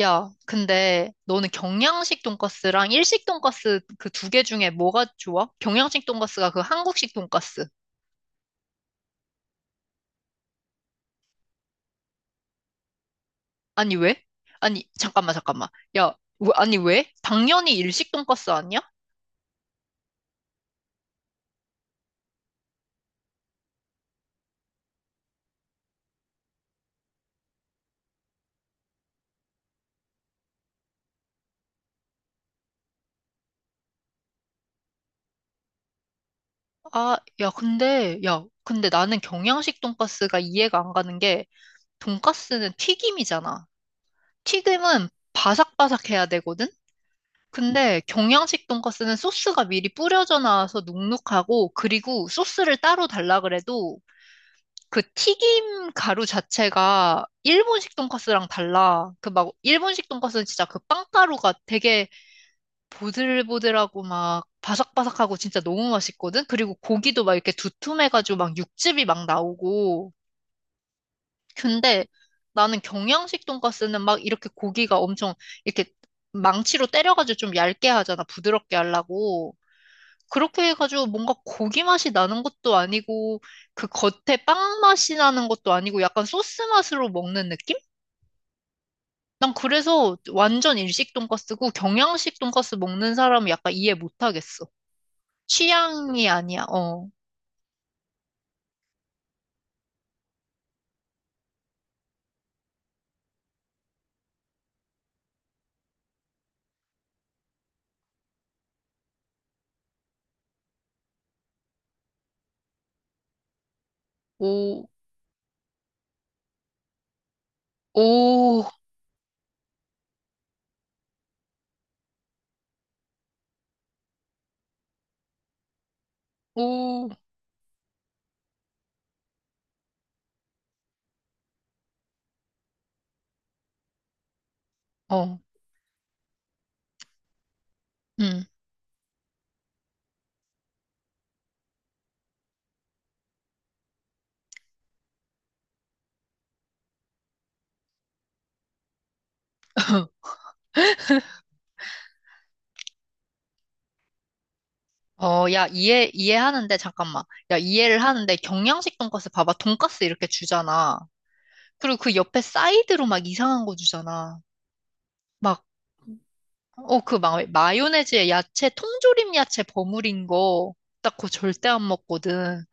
야, 근데 너는 경양식 돈가스랑 일식 돈가스 그 두 개 중에 뭐가 좋아? 경양식 돈가스가 그 한국식 돈가스. 아니, 왜? 아니, 잠깐만. 야, 아니, 왜? 당연히 일식 돈가스 아니야? 아, 야, 근데, 야, 근데 나는 경양식 돈가스가 이해가 안 가는 게, 돈가스는 튀김이잖아. 튀김은 바삭바삭해야 되거든? 근데 경양식 돈가스는 소스가 미리 뿌려져 나와서 눅눅하고, 그리고 소스를 따로 달라 그래도, 그 튀김 가루 자체가 일본식 돈까스랑 달라. 그 막 일본식 돈까스는 진짜 그 빵가루가 되게 보들보들하고 막 바삭바삭하고 진짜 너무 맛있거든. 그리고 고기도 막 이렇게 두툼해가지고 막 육즙이 막 나오고. 근데 나는 경양식 돈까스는 막 이렇게 고기가 엄청 이렇게 망치로 때려가지고 좀 얇게 하잖아. 부드럽게 하려고. 그렇게 해가지고 뭔가 고기 맛이 나는 것도 아니고 그 겉에 빵 맛이 나는 것도 아니고 약간 소스 맛으로 먹는 느낌? 난 그래서 완전 일식 돈까스고 경양식 돈까스 먹는 사람은 약간 이해 못 하겠어. 취향이 아니야. 어. 오, 오, 오. 어. 음. 어, 야, 이해하는데, 잠깐만. 야, 이해를 하는데, 경양식 돈까스 봐봐. 돈까스 이렇게 주잖아. 그리고 그 옆에 사이드로 막 이상한 거 주잖아. 막 어, 그 마요네즈에 야채, 통조림 야채 버무린 거, 딱 그거 절대 안 먹거든.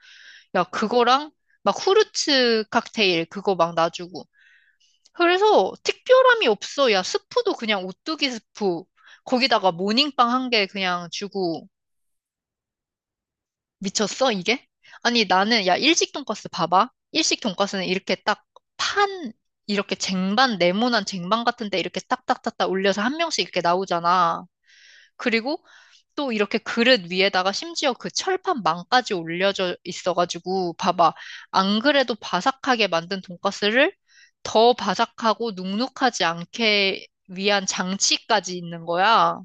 야, 그거랑 막 후르츠 칵테일, 그거 막 놔주고. 그래서 특별함이 없어. 야, 스프도 그냥 오뚜기 스프. 거기다가 모닝빵 한 개 그냥 주고. 미쳤어, 이게? 아니, 나는, 야, 일식 돈가스 봐봐. 일식 돈가스는 이렇게 딱 판, 이렇게 쟁반, 네모난 쟁반 같은데 이렇게 딱딱딱딱 올려서 한 명씩 이렇게 나오잖아. 그리고 또 이렇게 그릇 위에다가 심지어 그 철판망까지 올려져 있어가지고 봐봐. 안 그래도 바삭하게 만든 돈가스를 더 바삭하고 눅눅하지 않게 위한 장치까지 있는 거야.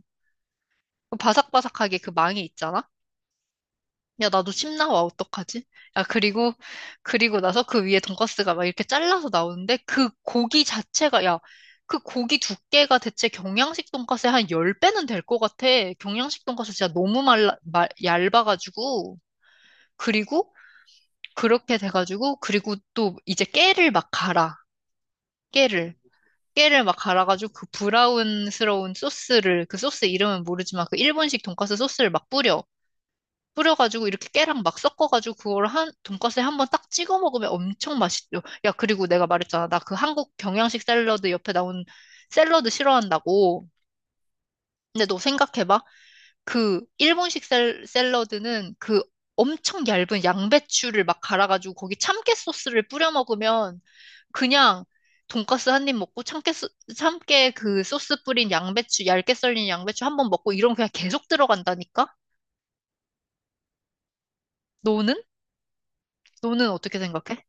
그 바삭바삭하게 그 망이 있잖아. 야, 나도 침 나와, 어떡하지? 야, 그리고, 그리고 나서 그 위에 돈가스가 막 이렇게 잘라서 나오는데, 그 고기 자체가, 야, 그 고기 두께가 대체 경양식 돈가스의 한 10배는 될 것 같아. 경양식 돈가스 진짜 너무 얇아가지고. 그리고, 그렇게 돼가지고, 그리고 또 이제 깨를 막 갈아. 깨를. 깨를 막 갈아가지고 그 브라운스러운 소스를, 그 소스 이름은 모르지만 그 일본식 돈가스 소스를 막 뿌려. 뿌려가지고 이렇게 깨랑 막 섞어가지고 그걸 한 돈가스에 한 번 딱 찍어 먹으면 엄청 맛있죠. 야, 그리고 내가 말했잖아. 나 그 한국 경양식 샐러드 옆에 나온 샐러드 싫어한다고. 근데 너 생각해봐. 그 일본식 샐러드는 그 엄청 얇은 양배추를 막 갈아가지고 거기 참깨 소스를 뿌려 먹으면 그냥 돈가스 한 입 먹고 참깨 그 소스 뿌린 양배추 얇게 썰린 양배추 한 번 먹고 이런 그냥 계속 들어간다니까? 너는? 너는 어떻게 생각해?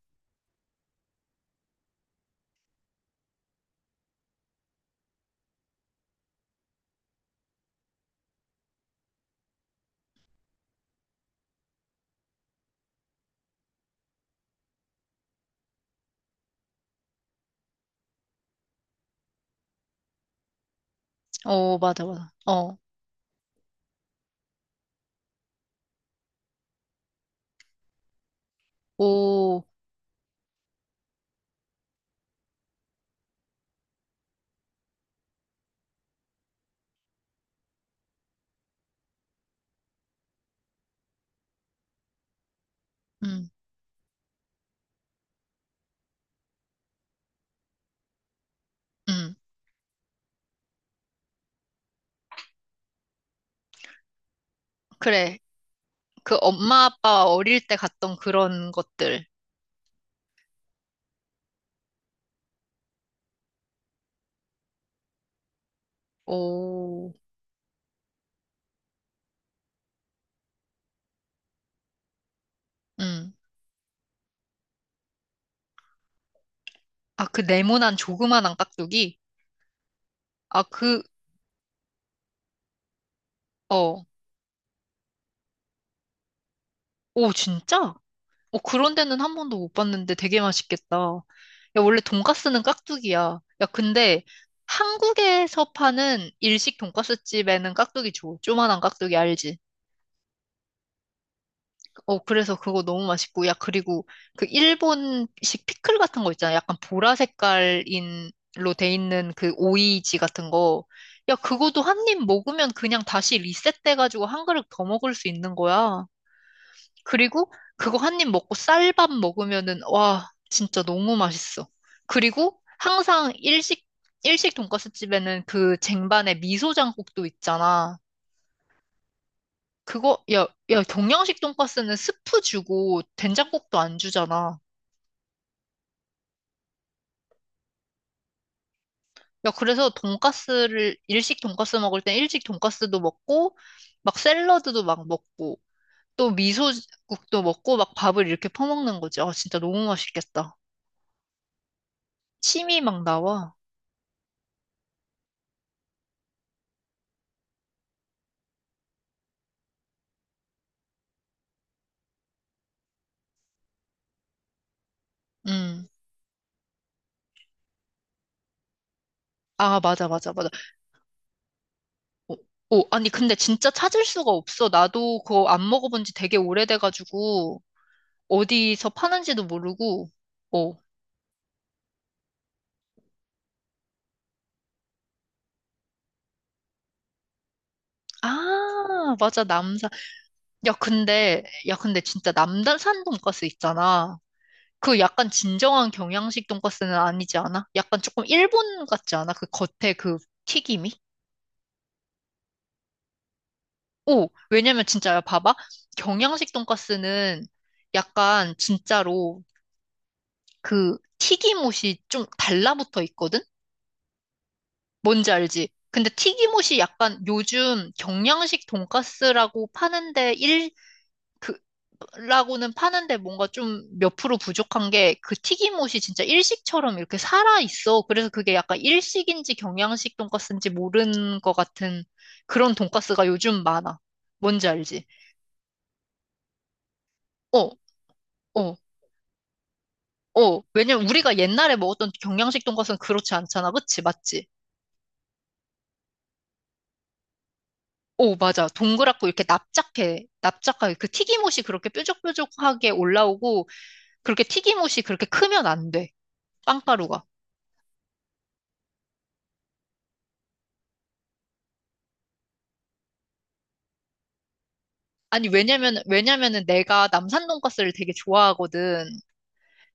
어, 맞아, 맞아. 어, 오, 음, 음. 그래. 그 엄마 아빠 어릴 때 갔던 그런 것들. 오, 음. 아, 그 네모난 조그만한 깍두기? 아, 그, 어. 오, 진짜? 어, 그런 데는 한 번도 못 봤는데 되게 맛있겠다. 야, 원래 돈가스는 깍두기야. 야, 근데 한국에서 파는 일식 돈가스 집에는 깍두기 줘. 조그만한 깍두기 알지? 어, 그래서 그거 너무 맛있고, 야, 그리고 그 일본식 피클 같은 거 있잖아. 약간 보라 색깔인로 돼 있는 그 오이지 같은 거. 야, 그거도 한 입 먹으면 그냥 다시 리셋돼가지고 한 그릇 더 먹을 수 있는 거야. 그리고 그거 한 입 먹고 쌀밥 먹으면은, 와, 진짜 너무 맛있어. 그리고 항상 일식 돈가스 집에는 그 쟁반에 미소장국도 있잖아. 그거, 야, 야, 동양식 돈가스는 스프 주고 된장국도 안 주잖아. 야, 그래서 돈가스를, 일식 돈가스 먹을 땐 일식 돈가스도 먹고, 막 샐러드도 막 먹고, 또 미소국도 먹고, 막 밥을 이렇게 퍼먹는 거지. 아, 진짜 너무 맛있겠다. 침이 막 나와. 음. 아, 맞아. 오, 오, 아니, 근데 진짜 찾을 수가 없어. 나도 그거 안 먹어본 지 되게 오래돼가지고, 어디서 파는지도 모르고, 오. 아, 맞아, 남산. 야, 야, 근데 진짜 남산 돈가스 있잖아. 그 약간 진정한 경양식 돈가스는 아니지 않아? 약간 조금 일본 같지 않아? 그 겉에 그 튀김이? 오, 왜냐면 진짜 야, 봐봐. 경양식 돈가스는 약간 진짜로 그 튀김옷이 좀 달라붙어 있거든? 뭔지 알지? 근데 튀김옷이 약간 요즘 경양식 돈가스라고 파는데 그 라고는 파는데 뭔가 좀 몇 프로 부족한 게 그 튀김옷이 진짜 일식처럼 이렇게 살아 있어. 그래서 그게 약간 일식인지 경양식 돈가스인지 모르는 것 같은 그런 돈가스가 요즘 많아. 뭔지 알지? 어, 어, 어. 왜냐면 우리가 옛날에 먹었던 경양식 돈가스는 그렇지 않잖아. 그치? 맞지? 오, 맞아. 동그랗고 이렇게 납작해. 납작하게. 그 튀김옷이 그렇게 뾰족뾰족하게 올라오고 그렇게 튀김옷이 그렇게 크면 안 돼. 빵가루가. 아니, 왜냐면은 내가 남산 돈가스를 되게 좋아하거든.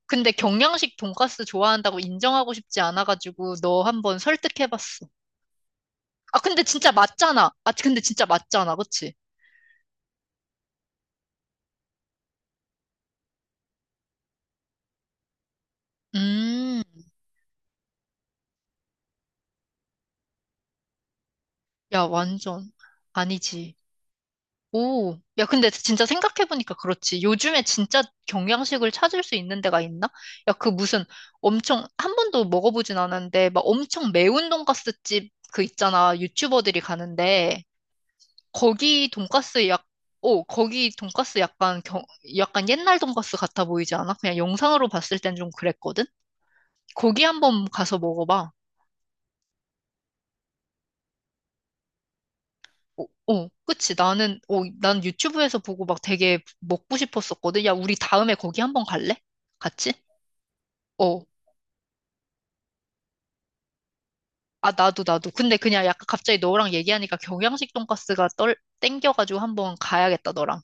근데 경양식 돈가스 좋아한다고 인정하고 싶지 않아가지고 너 한번 설득해봤어. 아, 근데 진짜 맞잖아. 그치? 음, 야, 완전. 아니지. 오, 야, 근데 진짜 생각해보니까 그렇지. 요즘에 진짜 경양식을 찾을 수 있는 데가 있나? 야, 그 무슨 엄청, 한 번도 먹어보진 않았는데, 막 엄청 매운 돈가스 집 그 있잖아. 유튜버들이 가는데. 거기 돈가스 약, 거기 돈가스 약간 경, 약간 옛날 돈가스 같아 보이지 않아? 그냥 영상으로 봤을 땐 좀 그랬거든? 거기 한번 가서 먹어봐. 오, 오, 그치. 난 유튜브에서 보고 막 되게 먹고 싶었었거든. 야, 우리 다음에 거기 한번 갈래? 같이? 어. 아, 나도. 근데 그냥 약간 갑자기 너랑 얘기하니까 경양식 돈가스가 땡겨가지고 한번 가야겠다, 너랑.